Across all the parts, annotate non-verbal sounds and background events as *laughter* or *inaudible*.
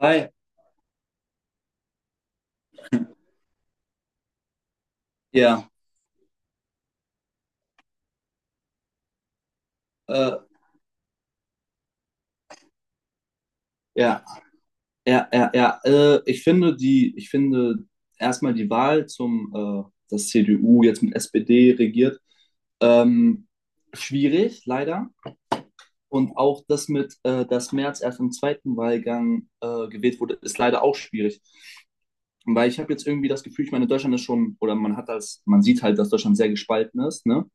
Hi, ja, äh, ja, ja, ja, ja. Ich finde erstmal die Wahl zum, dass CDU jetzt mit SPD regiert, ähm, schwierig, leider. Und auch das mit, dass Merz erst im zweiten Wahlgang gewählt wurde, ist leider auch schwierig. Weil ich habe jetzt irgendwie das Gefühl, ich meine, Deutschland ist schon, oder man hat das, man sieht halt, dass Deutschland sehr gespalten ist, ne?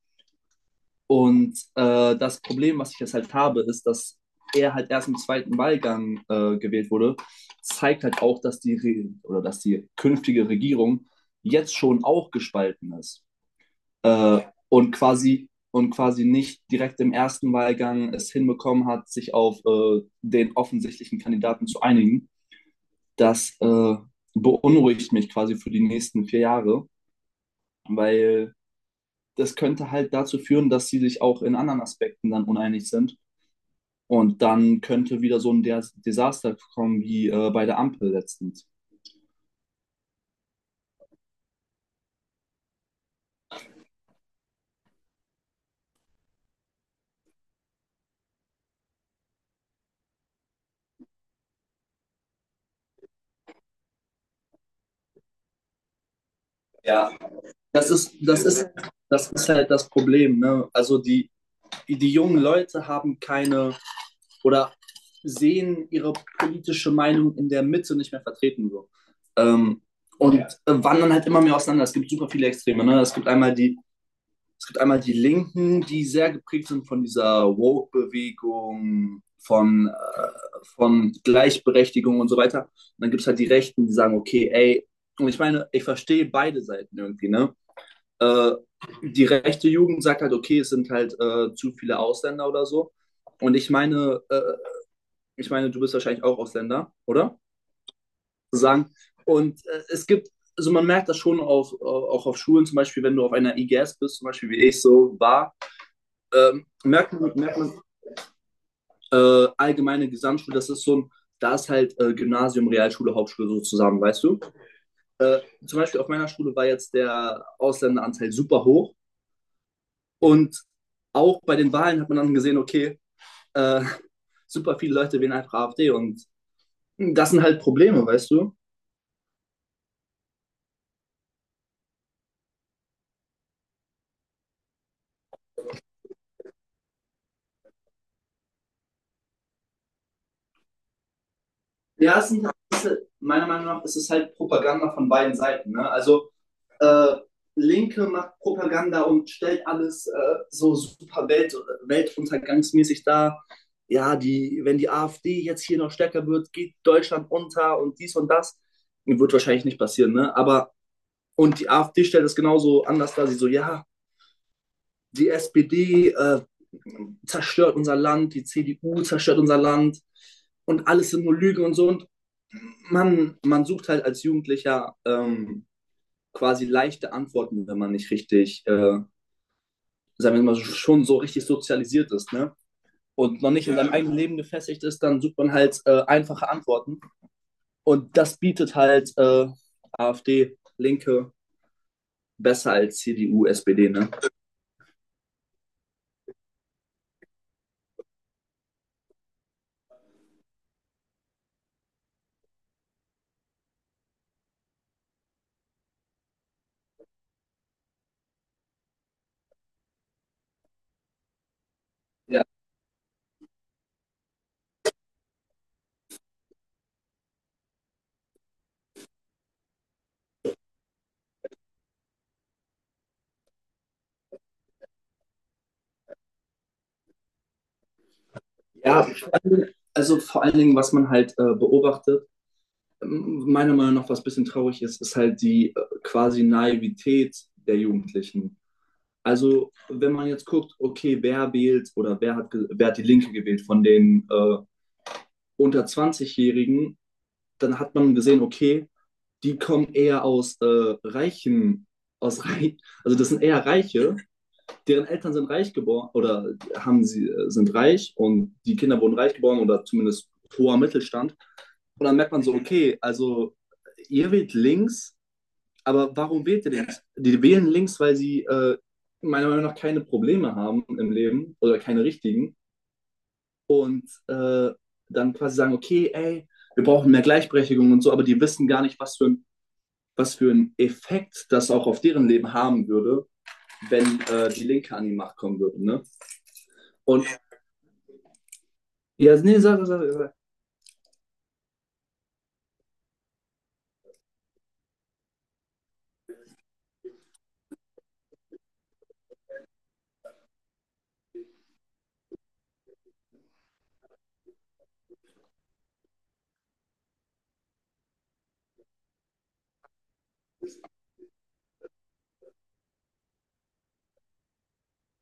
Und das Problem, was ich jetzt halt habe, ist, dass er halt erst im zweiten Wahlgang gewählt wurde, zeigt halt auch, dass die, Re oder dass die künftige Regierung jetzt schon auch gespalten ist äh, und quasi nicht direkt im ersten Wahlgang es hinbekommen hat, sich auf den offensichtlichen Kandidaten zu einigen. Das beunruhigt mich quasi für die nächsten 4 Jahre, weil das könnte halt dazu führen, dass sie sich auch in anderen Aspekten dann uneinig sind. Und dann könnte wieder so ein Desaster kommen wie bei der Ampel letztens. Ja. Das ist, das ist, das ist halt das Problem, ne? Also die jungen Leute haben keine oder sehen ihre politische Meinung in der Mitte nicht mehr vertreten so. Ähm, und wandern halt immer mehr auseinander. Es gibt super viele Extreme, ne? Es gibt einmal die Linken, die sehr geprägt sind von dieser Woke-Bewegung, von Gleichberechtigung und so weiter. Und dann gibt es halt die Rechten, die sagen, okay, ey. Und ich meine, ich verstehe beide Seiten irgendwie, ne? Äh, die rechte Jugend sagt halt, okay, es sind halt zu viele Ausländer oder so. Und ich meine, du bist wahrscheinlich auch Ausländer, oder? Sagen. Und es gibt also man merkt das schon auf, auch auf Schulen, zum Beispiel, wenn du auf einer IGS bist, zum Beispiel wie ich so war, merkt man allgemeine Gesamtschule, das ist so ein, da ist halt Gymnasium, Realschule, Hauptschule so zusammen, weißt du? Äh, zum Beispiel auf meiner Schule war jetzt der Ausländeranteil super hoch und auch bei den Wahlen hat man dann gesehen, okay, äh, *laughs* super viele Leute wählen einfach AfD und das sind halt Probleme, weißt du? Ja, meiner Meinung nach ist es halt Propaganda von beiden Seiten. Ne? Also äh, Linke macht Propaganda und stellt alles so super weltuntergangsmäßig dar. Ja, die, wenn die AfD jetzt hier noch stärker wird, geht Deutschland unter und dies und das. Wird wahrscheinlich nicht passieren, ne? Aber, und die AfD stellt es genauso anders dar. Sie so, ja, die SPD zerstört unser Land, die CDU zerstört unser Land und alles sind nur Lügen und so. Und man sucht halt als Jugendlicher quasi leichte Antworten, wenn man nicht richtig sagen wir mal, schon so richtig sozialisiert ist, ne? Und noch nicht in seinem eigenen Leben gefestigt ist, dann sucht man halt einfache Antworten. Und das bietet halt AfD, Linke besser als CDU, SPD, ne? Ja. Ja, also vor allen Dingen, was man halt beobachtet, meiner Meinung nach, was ein bisschen traurig ist, ist halt die quasi Naivität der Jugendlichen. Also, wenn man jetzt guckt, okay, wer wählt oder wer hat die Linke gewählt von den unter 20-Jährigen, dann hat man gesehen, okay, die kommen eher aus reichen, aus reich, also das sind eher Reiche, deren Eltern sind reich geboren oder haben sie sind reich und die Kinder wurden reich geboren oder zumindest hoher Mittelstand. Und dann merkt man so, okay, also ihr wählt links, aber warum wählt ihr links? Die wählen links, weil sie meiner Meinung nach keine Probleme haben im Leben oder keine richtigen und dann quasi sagen, okay, ey, wir brauchen mehr Gleichberechtigung und so, aber die wissen gar nicht, was für ein was für einen Effekt das auch auf deren Leben haben würde, wenn die Linke an die Macht kommen würde. Ne? Und ja, nee, sag, sag, sag.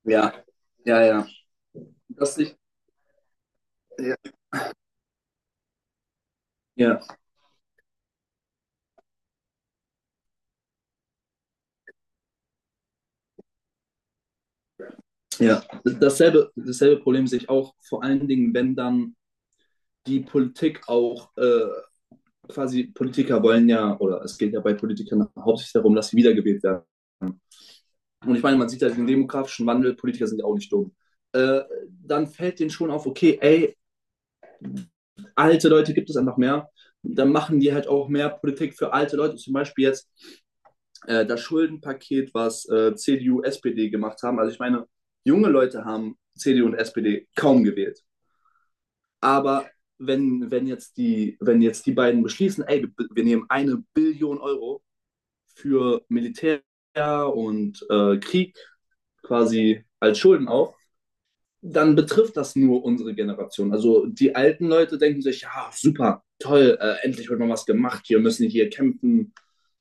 Ja, ja, ja. Das nicht, ja, ja. Ja. Dasselbe Problem sehe ich auch, vor allen Dingen, wenn dann die Politik auch quasi Politiker wollen ja, oder es geht ja bei Politikern hauptsächlich darum, dass sie wiedergewählt werden. Und ich meine, man sieht ja den demografischen Wandel, Politiker sind ja auch nicht dumm. Äh, dann fällt denen schon auf, okay, ey, alte Leute gibt es einfach mehr. Dann machen die halt auch mehr Politik für alte Leute. Zum Beispiel jetzt das Schuldenpaket, was CDU, SPD gemacht haben. Also ich meine, junge Leute haben CDU und SPD kaum gewählt. Aber wenn jetzt die beiden beschließen, ey, wir nehmen 1 Billion Euro für Militär und Krieg quasi als Schulden auf, dann betrifft das nur unsere Generation. Also die alten Leute denken sich, ja, super, toll, endlich wird mal was gemacht, wir müssen hier kämpfen.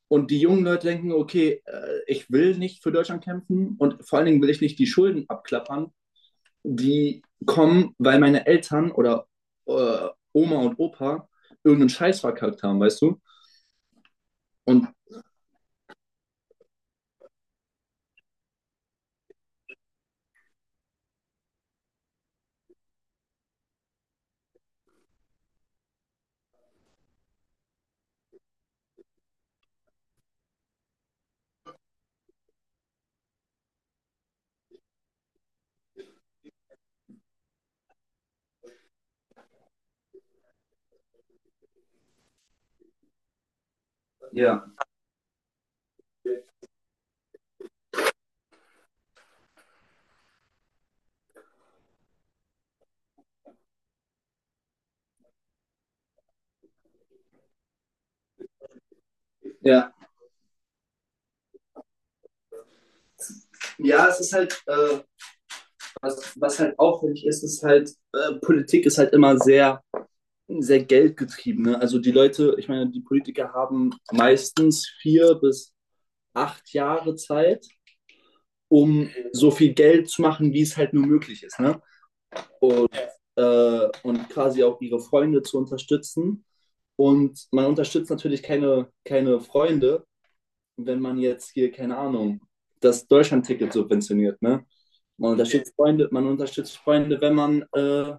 Und die jungen Leute denken, okay, ich will nicht für Deutschland kämpfen und vor allen Dingen will ich nicht die Schulden abklappern, die kommen, weil meine Eltern oder äh, Oma und Opa irgendeinen Scheiß verkackt haben, weißt du? Und ja. Ja. Ja, es ist halt, was halt auffällig ist, ist halt, Politik ist halt immer sehr sehr geldgetriebene. Also die Leute, ich meine, die Politiker haben meistens 4 bis 8 Jahre Zeit, um so viel Geld zu machen, wie es halt nur möglich ist. Ne? Und, und quasi auch ihre Freunde zu unterstützen. Und man unterstützt natürlich keine Freunde, wenn man jetzt hier, keine Ahnung, das Deutschland-Ticket subventioniert. Ne? Man unterstützt Freunde, wenn man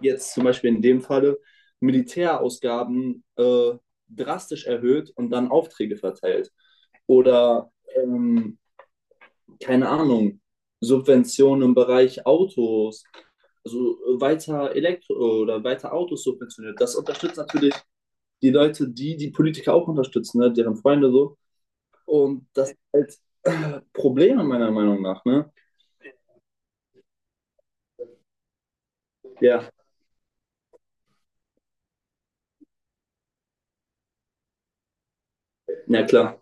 jetzt zum Beispiel in dem Falle Militärausgaben drastisch erhöht und dann Aufträge verteilt. Oder keine Ahnung, Subventionen im Bereich Autos, also weiter Elektro oder weiter Autos subventioniert. Das unterstützt natürlich die Leute, die die Politiker auch unterstützen, ne? Deren Freunde so. Und das ist halt Probleme meiner Meinung nach. Ne? Ja, na klar.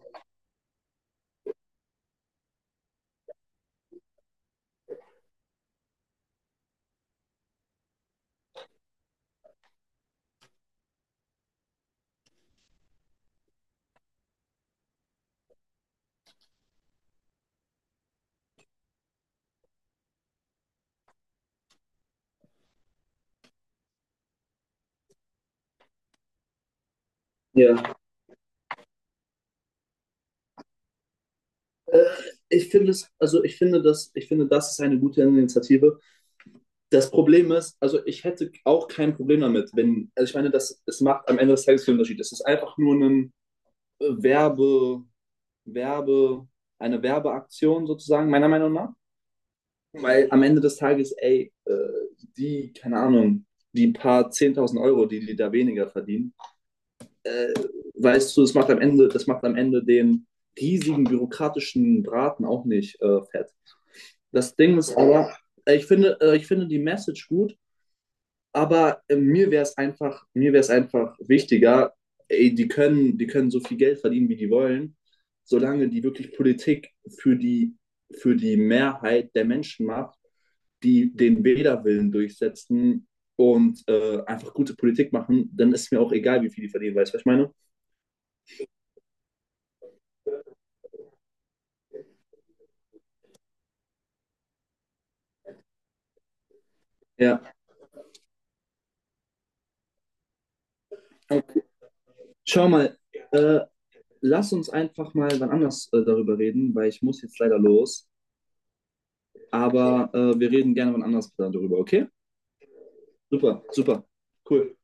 Ja. Äh, ich finde es, also ich finde, das ist eine gute Initiative. Das Problem ist, also ich hätte auch kein Problem damit, wenn, also ich meine, das, es macht am Ende des Tages keinen Unterschied. Es ist einfach nur ein äh, Werbe, Werbe, eine Werbeaktion sozusagen, meiner Meinung nach. Weil am Ende des Tages, ey, die, keine Ahnung, die paar 10.000 Euro, die die da weniger verdienen, äh, weißt du, das macht am Ende, das macht am Ende den riesigen bürokratischen Braten auch nicht fett. Das Ding ist aber, ich finde die Message gut. Aber mir wäre es einfach wichtiger, ey, die können so viel Geld verdienen, wie die wollen, solange die wirklich Politik für die, für die Mehrheit der Menschen macht, die den Wählerwillen durchsetzen und einfach gute Politik machen, dann ist mir auch egal, wie viel die verdienen, weißt du, was ich meine? Ja. Okay. Schau mal, äh, lass uns einfach mal wann anders darüber reden, weil ich muss jetzt leider los. Aber wir reden gerne wann anders darüber, okay? Super, super, cool.